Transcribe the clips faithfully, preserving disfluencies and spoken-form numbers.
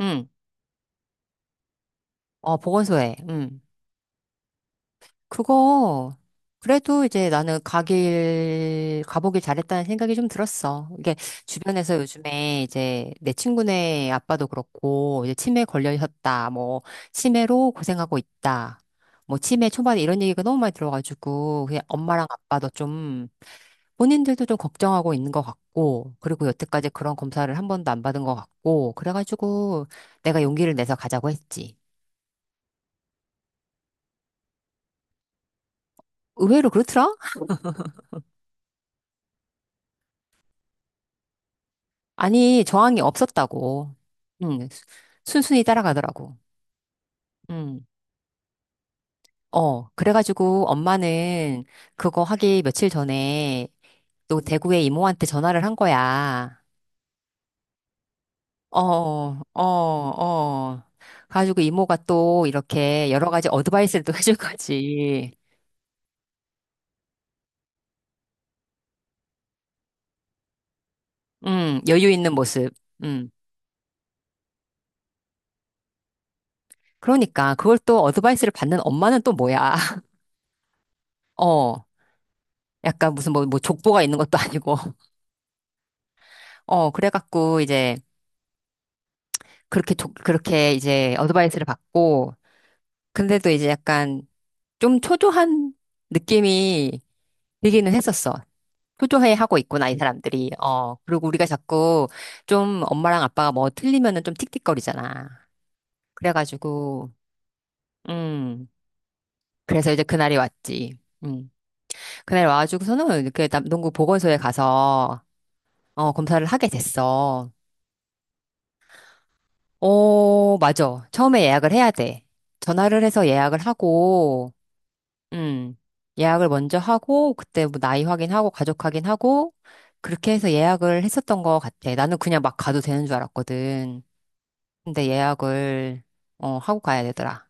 응. 어, 보건소에. 응. 그거, 그래도 이제 나는 가길, 가보길 잘했다는 생각이 좀 들었어. 이게 주변에서 요즘에 이제 내 친구네 아빠도 그렇고, 이제 치매 걸려졌다. 뭐, 치매로 고생하고 있다. 뭐, 치매 초반에 이런 얘기가 너무 많이 들어가지고, 그냥 엄마랑 아빠도 좀, 본인들도 좀 걱정하고 있는 것 같고, 그리고 여태까지 그런 검사를 한 번도 안 받은 것 같고, 그래가지고 내가 용기를 내서 가자고 했지. 의외로 그렇더라? 아니, 저항이 없었다고. 응, 순순히 따라가더라고. 응, 어. 그래가지고 엄마는 그거 하기 며칠 전에 또 대구의 이모한테 전화를 한 거야. 어, 어, 어. 가지고 이모가 또 이렇게 여러 가지 어드바이스를 또 해줄 거지. 응, 여유 있는 모습. 응. 그러니까 그걸 또 어드바이스를 받는 엄마는 또 뭐야. 어. 약간 무슨 뭐, 뭐 족보가 있는 것도 아니고. 어, 그래갖고 이제 그렇게 조, 그렇게 이제 어드바이스를 받고 근데도 이제 약간 좀 초조한 느낌이 들기는 했었어. 초조해 하고 있구나, 이 사람들이. 어, 그리고 우리가 자꾸 좀 엄마랑 아빠가 뭐 틀리면은 좀 틱틱거리잖아. 그래가지고, 음, 그래서 이제 그날이 왔지. 음, 그날 와가지고서는 이렇게 남동구 보건소에 가서, 어, 검사를 하게 됐어. 어, 맞아. 처음에 예약을 해야 돼. 전화를 해서 예약을 하고, 음, 예약을 먼저 하고, 그때 뭐 나이 확인하고, 가족 확인하고, 그렇게 해서 예약을 했었던 것 같아. 나는 그냥 막 가도 되는 줄 알았거든. 근데 예약을, 어, 하고 가야 되더라.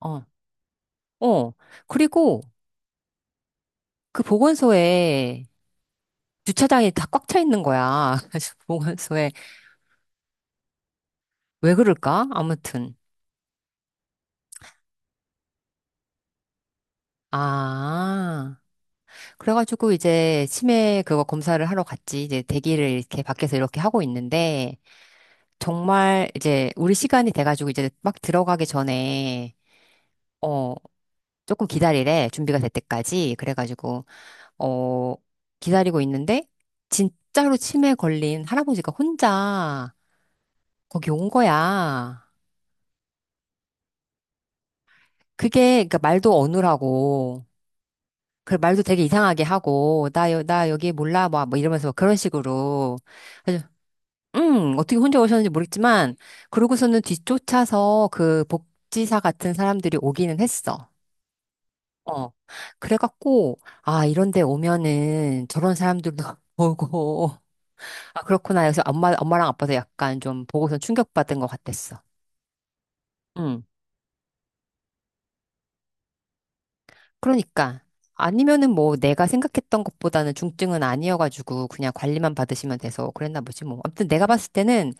어, 어. 그리고 그 보건소에 주차장이 다 꽉 차 있는 거야. 그래서 보건소에 왜 그럴까? 아무튼. 아, 그래가지고 이제 치매 그거 검사를 하러 갔지. 이제 대기를 이렇게 밖에서 이렇게 하고 있는데, 정말 이제 우리 시간이 돼가지고 이제 막 들어가기 전에 어 조금 기다리래 준비가 될 때까지 그래가지고 어 기다리고 있는데 진짜로 치매 걸린 할아버지가 혼자 거기 온 거야. 그게 그니까 말도 어눌하고 그 말도 되게 이상하게 하고 나, 여, 나 여기 몰라 막 뭐 이러면서 막 그런 식으로 그래서 음 어떻게 혼자 오셨는지 모르겠지만 그러고서는 뒤쫓아서 그 복지사 같은 사람들이 오기는 했어. 어. 그래갖고, 아, 이런 데 오면은 저런 사람들도 보고, 아, 그렇구나. 그래서 엄마, 엄마랑 아빠도 약간 좀 보고서 충격받은 것 같았어. 응. 그러니까. 아니면은 뭐 내가 생각했던 것보다는 중증은 아니어가지고 그냥 관리만 받으시면 돼서 그랬나 보지 뭐. 아무튼 내가 봤을 때는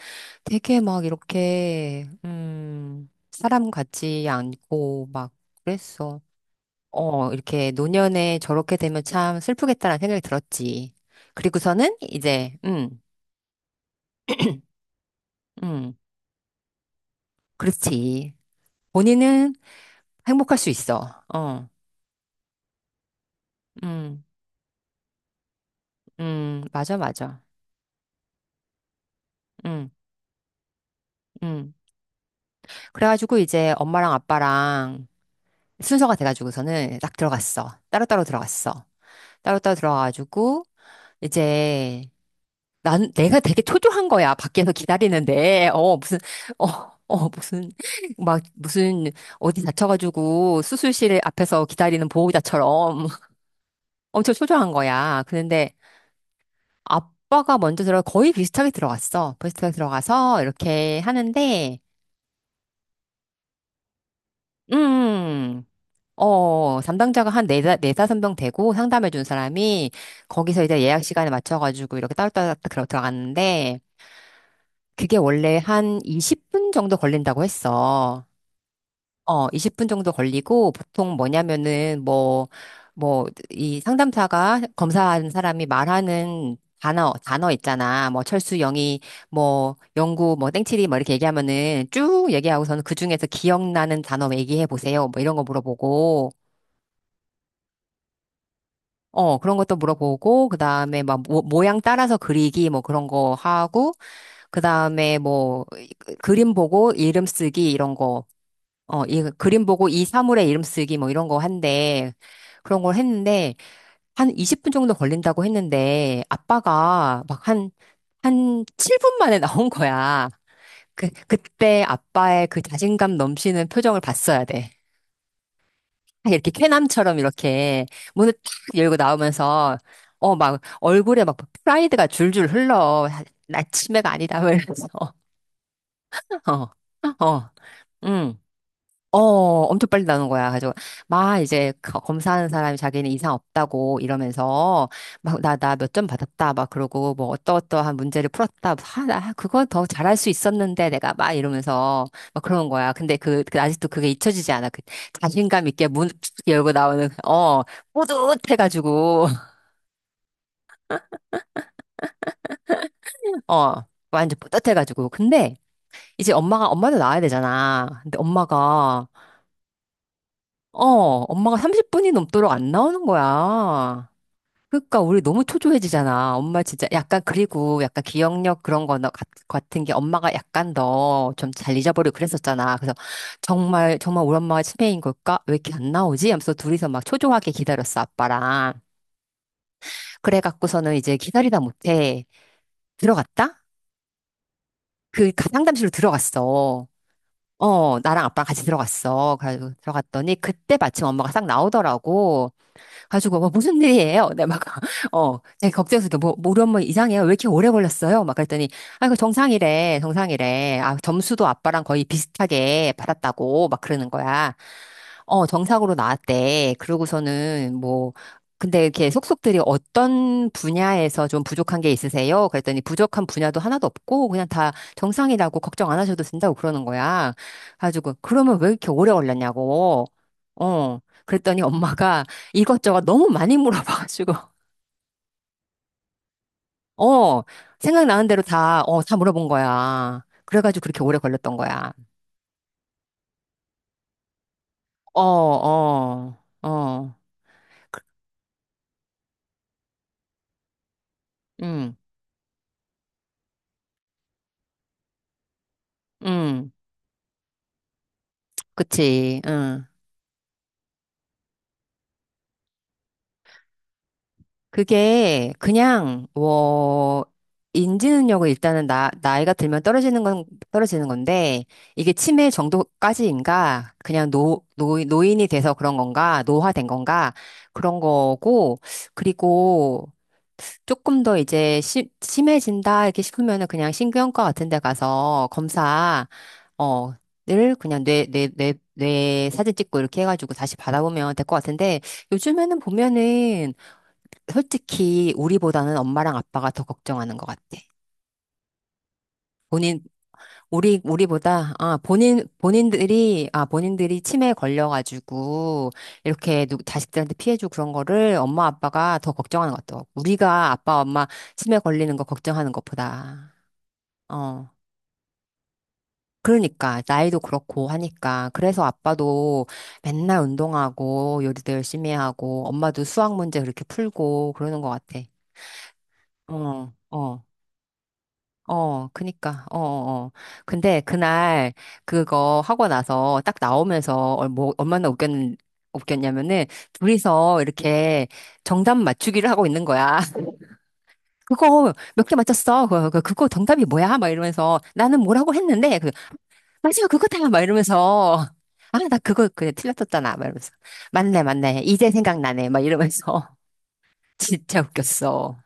되게 막 이렇게, 음, 사람 같지 않고 막 그랬어. 어, 이렇게 노년에 저렇게 되면 참 슬프겠다라는 생각이 들었지. 그리고서는 이제, 음, 음, 그렇지. 본인은 행복할 수 있어. 어, 음, 음, 맞아, 맞아. 음, 음. 그래가지고 이제 엄마랑 아빠랑 순서가 돼가지고서는 딱 들어갔어. 따로따로 들어갔어. 따로따로 들어가가지고 이제 난 내가 되게 초조한 거야. 밖에서 기다리는데. 어, 무슨 어, 어, 무슨 막 무슨 어디 다쳐가지고 수술실 앞에서 기다리는 보호자처럼 엄청 초조한 거야. 그런데 아빠가 먼저 들어 거의 비슷하게 들어갔어. 비슷하게 들어가서 이렇게 하는데 음. 음, 어, 담당자가 한 네다, 네다섯 명 되고 상담해 준 사람이 거기서 이제 예약 시간에 맞춰가지고 이렇게 따로따로 들어- 들어갔는데 그게 원래 한 이십 분 정도 걸린다고 했어. 어, 이십 분 정도 걸리고 보통 뭐냐면은 뭐, 뭐, 이 상담사가 검사하는 사람이 말하는 단어, 단어 있잖아. 뭐, 철수, 영희, 뭐, 영구, 뭐, 땡칠이, 뭐, 이렇게 얘기하면은 쭉 얘기하고서는 그중에서 기억나는 단어 뭐 얘기해 보세요. 뭐, 이런 거 물어보고. 어, 그런 것도 물어보고, 그 다음에 막 모, 모양 따라서 그리기, 뭐 그런 거 하고, 그 다음에 뭐, 그림 보고 이름 쓰기 이런 거 어, 이 그림 보고 이 사물의 이름 쓰기 뭐 이런 거 한데 그런 걸 했는데 한 이십 분 정도 걸린다고 했는데 아빠가 막 한, 한 칠 분 만에 나온 거야. 그, 그때 아빠의 그 자신감 넘치는 표정을 봤어야 돼. 이렇게 쾌남처럼 이렇게 문을 탁 열고 나오면서 어, 막 얼굴에 막 프라이드가 줄줄 흘러. 아, 나 치매가 아니다. 막 이러면서. 어, 어, 응. 어, 엄청 빨리 나오는 거야. 가지고 막 이제 거- 검사하는 사람이 자기는 이상 없다고 이러면서 막 나 나 몇 점 받았다 막 그러고 뭐 어떠어떠한 문제를 풀었다. 아, 나 그거 더 잘할 수 있었는데 내가 막 이러면서 막 그런 거야. 근데 그, 그 아직도 그게 잊혀지지 않아. 그 자신감 있게 문 열고 나오는 그, 어 뿌듯해가지고 어 완전 뿌듯해가지고 근데 이제 엄마가 엄마도 나와야 되잖아. 근데 엄마가 어 엄마가 삼십 분이 넘도록 안 나오는 거야. 그러니까 우리 너무 초조해지잖아. 엄마 진짜 약간 그리고 약간 기억력 그런 거 나- 같- 같은 게 엄마가 약간 더 좀 잘 잊어버리고 그랬었잖아. 그래서 정말 정말 우리 엄마가 치매인 걸까? 왜 이렇게 안 나오지? 하면서 둘이서 막 초조하게 기다렸어 아빠랑. 그래갖고서는 이제 기다리다 못해 들어갔다? 그 가- 상담실로 들어갔어. 어, 나랑 아빠랑 같이 들어갔어. 그래가지고 들어갔더니 그때 마침 엄마가 싹 나오더라고. 가지고 뭐 무슨 일이에요? 내가 막 어, 제가 걱정해서 이렇게 뭐, 뭐 우리 엄마 이상해요? 왜 이렇게 오래 걸렸어요? 막 그랬더니 아 이거 정상이래 정상이래 아 점수도 아빠랑 거의 비슷하게 받았다고 막 그러는 거야. 어, 정상으로 나왔대. 그러고서는 뭐, 근데 이렇게 속속들이 어떤 분야에서 좀 부족한 게 있으세요? 그랬더니 부족한 분야도 하나도 없고 그냥 다 정상이라고 걱정 안 하셔도 된다고 그러는 거야. 가지고 그러면 왜 이렇게 오래 걸렸냐고. 어. 그랬더니 엄마가 이것저것 너무 많이 물어봐가지고 어, 생각나는 대로 다, 어, 다 물어본 거야. 그래가지고 그렇게 오래 걸렸던 거야. 어, 어, 어, 응, 응, 그치, 응. 그게 그냥 뭐 인지능력은 일단은 나 나이가 들면 떨어지는 건 떨어지는 건데 이게 치매 정도까지인가 그냥 노 노 노인이 돼서 그런 건가 노화된 건가 그런 거고 그리고 조금 더 이제 심 심해진다 이렇게 싶으면은 그냥 신경과 같은 데 가서 검사 어 늘 그냥 뇌 뇌 뇌 뇌 사진 찍고 이렇게 해가지고 다시 받아보면 될 것 같은데 요즘에는 보면은 솔직히 우리보다는 엄마랑 아빠가 더 걱정하는 것 같아. 본인, 우리, 우리보다, 아, 본인, 본인들이, 아, 본인들이 치매에 걸려가지고, 이렇게 누, 자식들한테 피해주고 그런 거를 엄마, 아빠가 더 걱정하는 것 같더라고. 우리가 아빠, 엄마 치매 걸리는 거 걱정하는 것보다. 어. 그러니까, 나이도 그렇고 하니까. 그래서 아빠도 맨날 운동하고, 요리도 열심히 하고, 엄마도 수학 문제 그렇게 풀고, 그러는 것 같아. 어, 어. 어, 그니까, 어, 어, 어. 근데 그날 그거 하고 나서 딱 나오면서 얼- 뭐, 얼마나 웃겼, 웃겼냐면은 둘이서 이렇게 정답 맞추기를 하고 있는 거야. 그거 몇 개 맞췄어? 그거, 그거 그거 정답이 뭐야? 막 이러면서 나는 뭐라고 했는데, 그, 맞아, 그거다! 막 이러면서. 아, 나 그거 그냥 틀렸었잖아. 막 이러면서. 맞네, 맞네. 이제 생각나네. 막 이러면서. 진짜 웃겼어.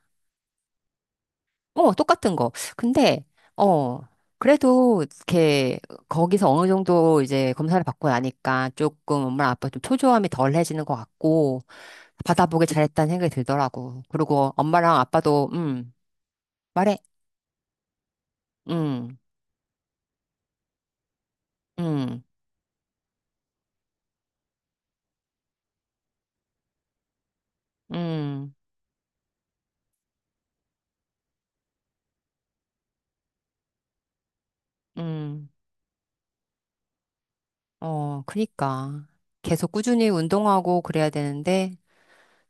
어, 똑같은 거. 근데, 어, 그래도, 이렇게, 거기서 어느 정도 이제 검사를 받고 나니까 조금 엄마 아빠 좀 초조함이 덜해지는 것 같고, 받아보길 잘했다는 생각이 들더라고. 그리고 엄마랑 아빠도, 음, 말해. 음, 음, 음, 음, 어, 그니까. 계속 꾸준히 운동하고 그래야 되는데,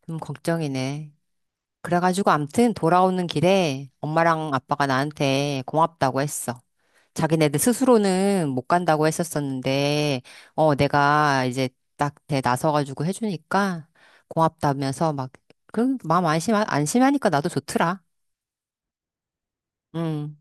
좀 걱정이네. 그래가지고 암튼 돌아오는 길에 엄마랑 아빠가 나한테 고맙다고 했어. 자기네들 스스로는 못 간다고 했었었는데, 어, 내가 이제 딱 대 나서가지고 해주니까 고맙다면서 막, 그, 마음 안심, 안심하니까 나도 좋더라. 응.